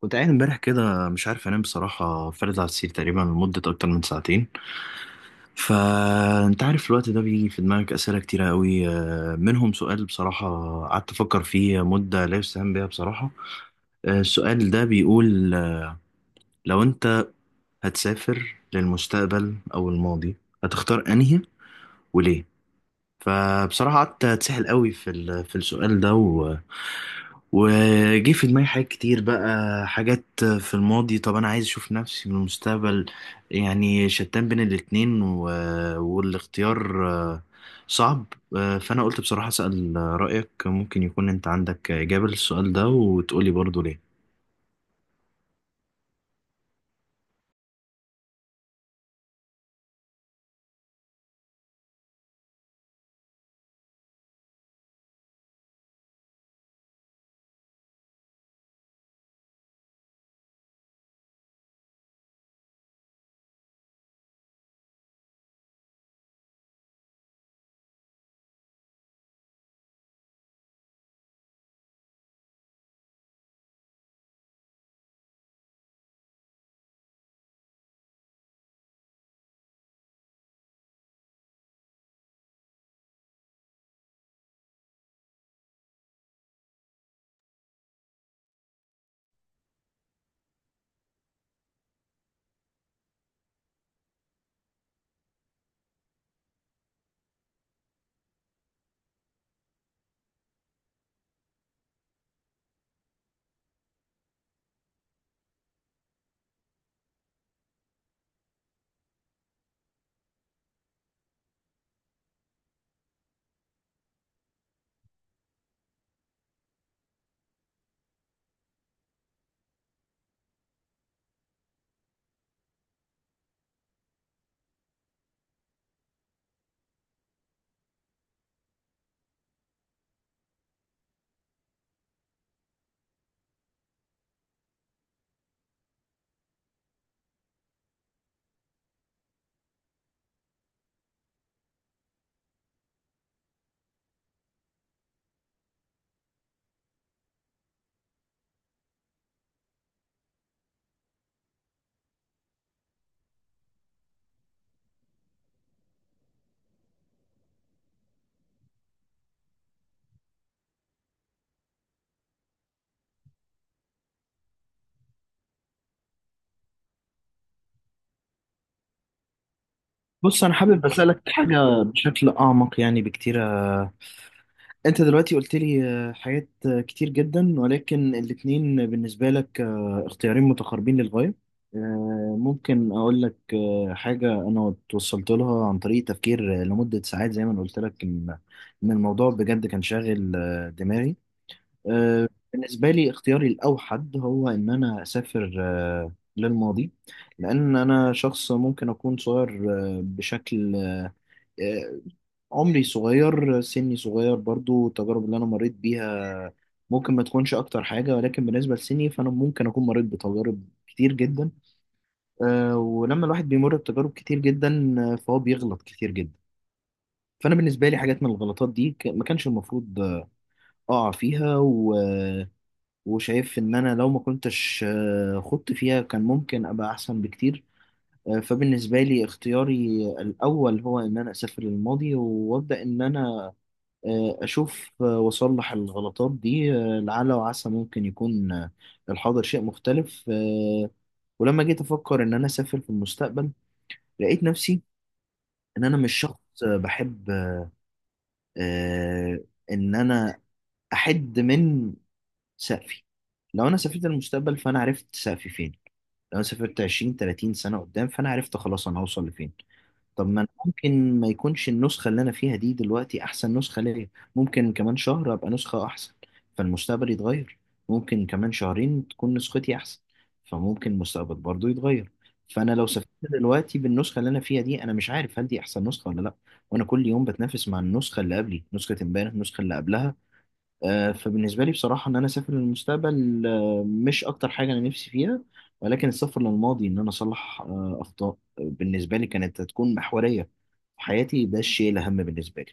كنت قاعد امبارح كده مش عارف انام بصراحة، فارد على السرير تقريبا لمدة أكتر من ساعتين. فأنت عارف الوقت ده بيجي في دماغك أسئلة كتيرة قوي، منهم سؤال بصراحة قعدت أفكر فيه مدة لا يستهان بها بصراحة. السؤال ده بيقول لو أنت هتسافر للمستقبل أو الماضي، هتختار أنهي وليه؟ فبصراحة قعدت أتسحل قوي في السؤال ده. وجه في دماغي حاجات كتير، بقى حاجات في الماضي. طب انا عايز اشوف نفسي من المستقبل، يعني شتان بين الاتنين والاختيار صعب. فانا قلت بصراحة اسأل رأيك، ممكن يكون انت عندك إجابة للسؤال ده وتقولي برضو ليه. بص، انا حابب اسألك حاجة بشكل اعمق يعني بكتير. انت دلوقتي قلت لي حاجات كتير جدا، ولكن الاتنين بالنسبة لك اختيارين متقاربين للغاية. ممكن اقول لك حاجة انا توصلت لها عن طريق تفكير لمدة ساعات، زي ما انا قلت لك ان الموضوع بجد كان شاغل دماغي. بالنسبة لي اختياري الاوحد هو ان انا اسافر للماضي، لان انا شخص ممكن اكون صغير، آه، بشكل آه، آه، عمري صغير، سني صغير. برضو التجارب اللي أنا مريت بيها ممكن ما تكونش أكتر حاجة، ولكن بالنسبة لسني فأنا ممكن أكون مريت بتجارب كتير جدا. ولما الواحد بيمر بتجارب كتير جدا فهو بيغلط كتير جدا. فأنا بالنسبة لي حاجات من الغلطات دي ما كانش المفروض أقع فيها وشايف إن أنا لو ما كنتش خضت فيها كان ممكن أبقى أحسن بكتير. فبالنسبة لي اختياري الأول هو إن أنا أسافر للماضي، وأبدأ إن أنا أشوف وأصلح الغلطات دي، لعل وعسى ممكن يكون الحاضر شيء مختلف. ولما جيت أفكر إن أنا أسافر في المستقبل، لقيت نفسي إن أنا مش شخص بحب آه، إن أنا أحد من سقفي. لو أنا سافرت المستقبل، فأنا عرفت سقفي فين. لو أنا سافرت 20 30 سنة قدام، فأنا عرفت خلاص أنا هوصل لفين. طب ما أنا ممكن ما يكونش النسخة اللي أنا فيها دي دلوقتي أحسن نسخة ليا. ممكن كمان شهر أبقى نسخة أحسن، فالمستقبل يتغير. ممكن كمان شهرين تكون نسختي أحسن، فممكن المستقبل برضو يتغير. فأنا لو سافرت دلوقتي بالنسخة اللي أنا فيها دي، أنا مش عارف هل دي أحسن نسخة ولا لأ. وأنا كل يوم بتنافس مع النسخة اللي قبلي، نسخة امبارح، النسخة اللي قبلها. فبالنسبة لي بصراحة إن أنا أسافر للمستقبل مش أكتر حاجة أنا نفسي فيها، ولكن السفر للماضي إن أنا أصلح أخطاء بالنسبة لي كانت هتكون محورية في حياتي. ده الشيء الأهم بالنسبة لي.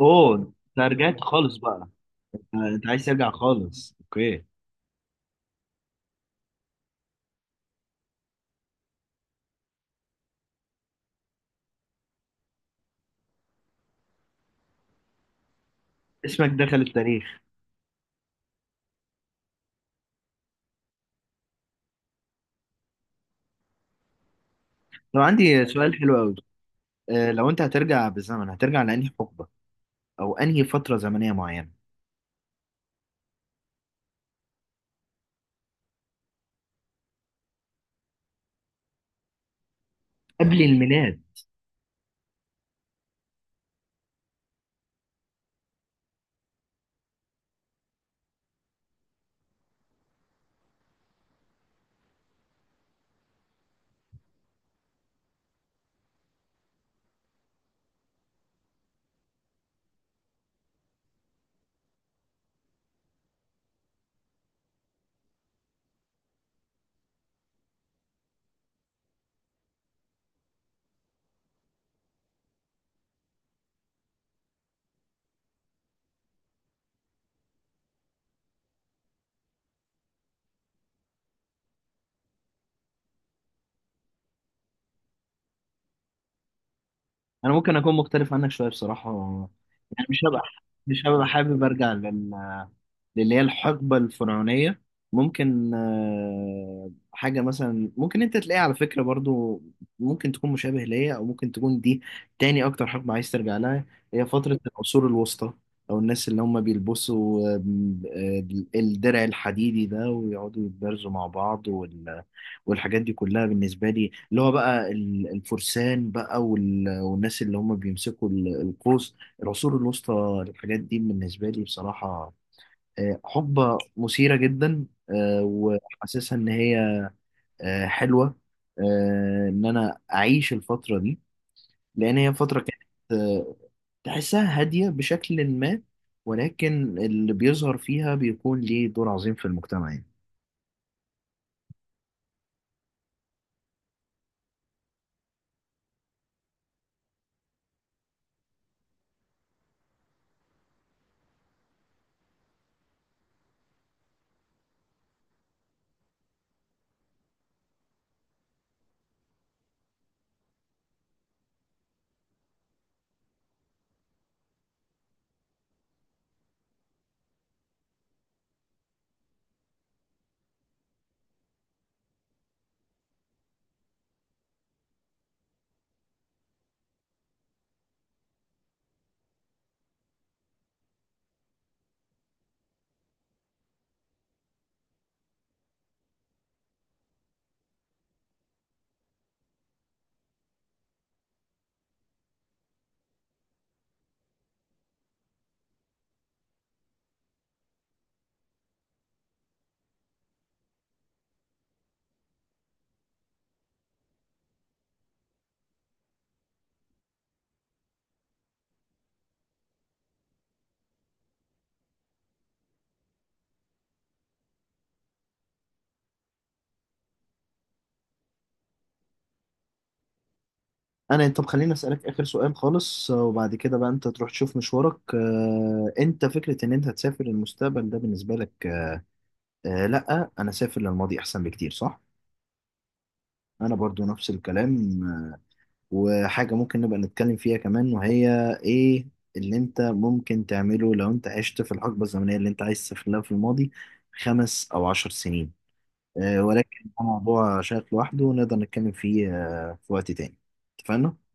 اوه! انت رجعت خالص بقى. أنت عايز ترجع خالص، أوكي. اسمك دخل التاريخ. طب عندي سؤال حلو أوي. لو أنت هترجع بالزمن، هترجع لأنهي حقبة أو أنهي فترة زمنية معينة؟ قبل الميلاد؟ انا ممكن اكون مختلف عنك شويه بصراحه. يعني مش هبقى حابب ارجع للي هي الحقبه الفرعونيه. ممكن حاجه مثلا ممكن انت تلاقيها على فكره برضو. ممكن تكون مشابه ليا، او ممكن تكون دي تاني اكتر حقبه عايز ترجع لها. هي فتره العصور الوسطى، او الناس اللي هم بيلبسوا آه، الدرع الحديدي ده ويقعدوا يتبارزوا مع بعض والحاجات دي كلها. بالنسبه لي، اللي هو بقى الفرسان بقى والناس اللي هم بيمسكوا القوس. العصور الوسطى، الحاجات دي بالنسبة لي بصراحة حقبة مثيرة جدا، وحاسسها إن هي حلوة، إن أنا أعيش الفترة دي، لأن هي فترة كانت آه، تحسها هادية بشكل ما، ولكن اللي بيظهر فيها بيكون ليه دور عظيم في المجتمع يعني. انا، طب خليني اسالك اخر سؤال خالص، وبعد كده بقى انت تروح تشوف مشوارك. انت فكره ان انت تسافر المستقبل ده بالنسبه لك لا، انا سافر للماضي احسن بكتير، صح؟ انا برضو نفس الكلام. وحاجه ممكن نبقى نتكلم فيها كمان وهي ايه اللي انت ممكن تعمله لو انت عشت في الحقبه الزمنيه اللي انت عايز تسافر لها في الماضي، 5 او 10 سنين. ولكن ده موضوع شائك لوحده، ونقدر نتكلم فيه في وقت تاني. اتفقنا.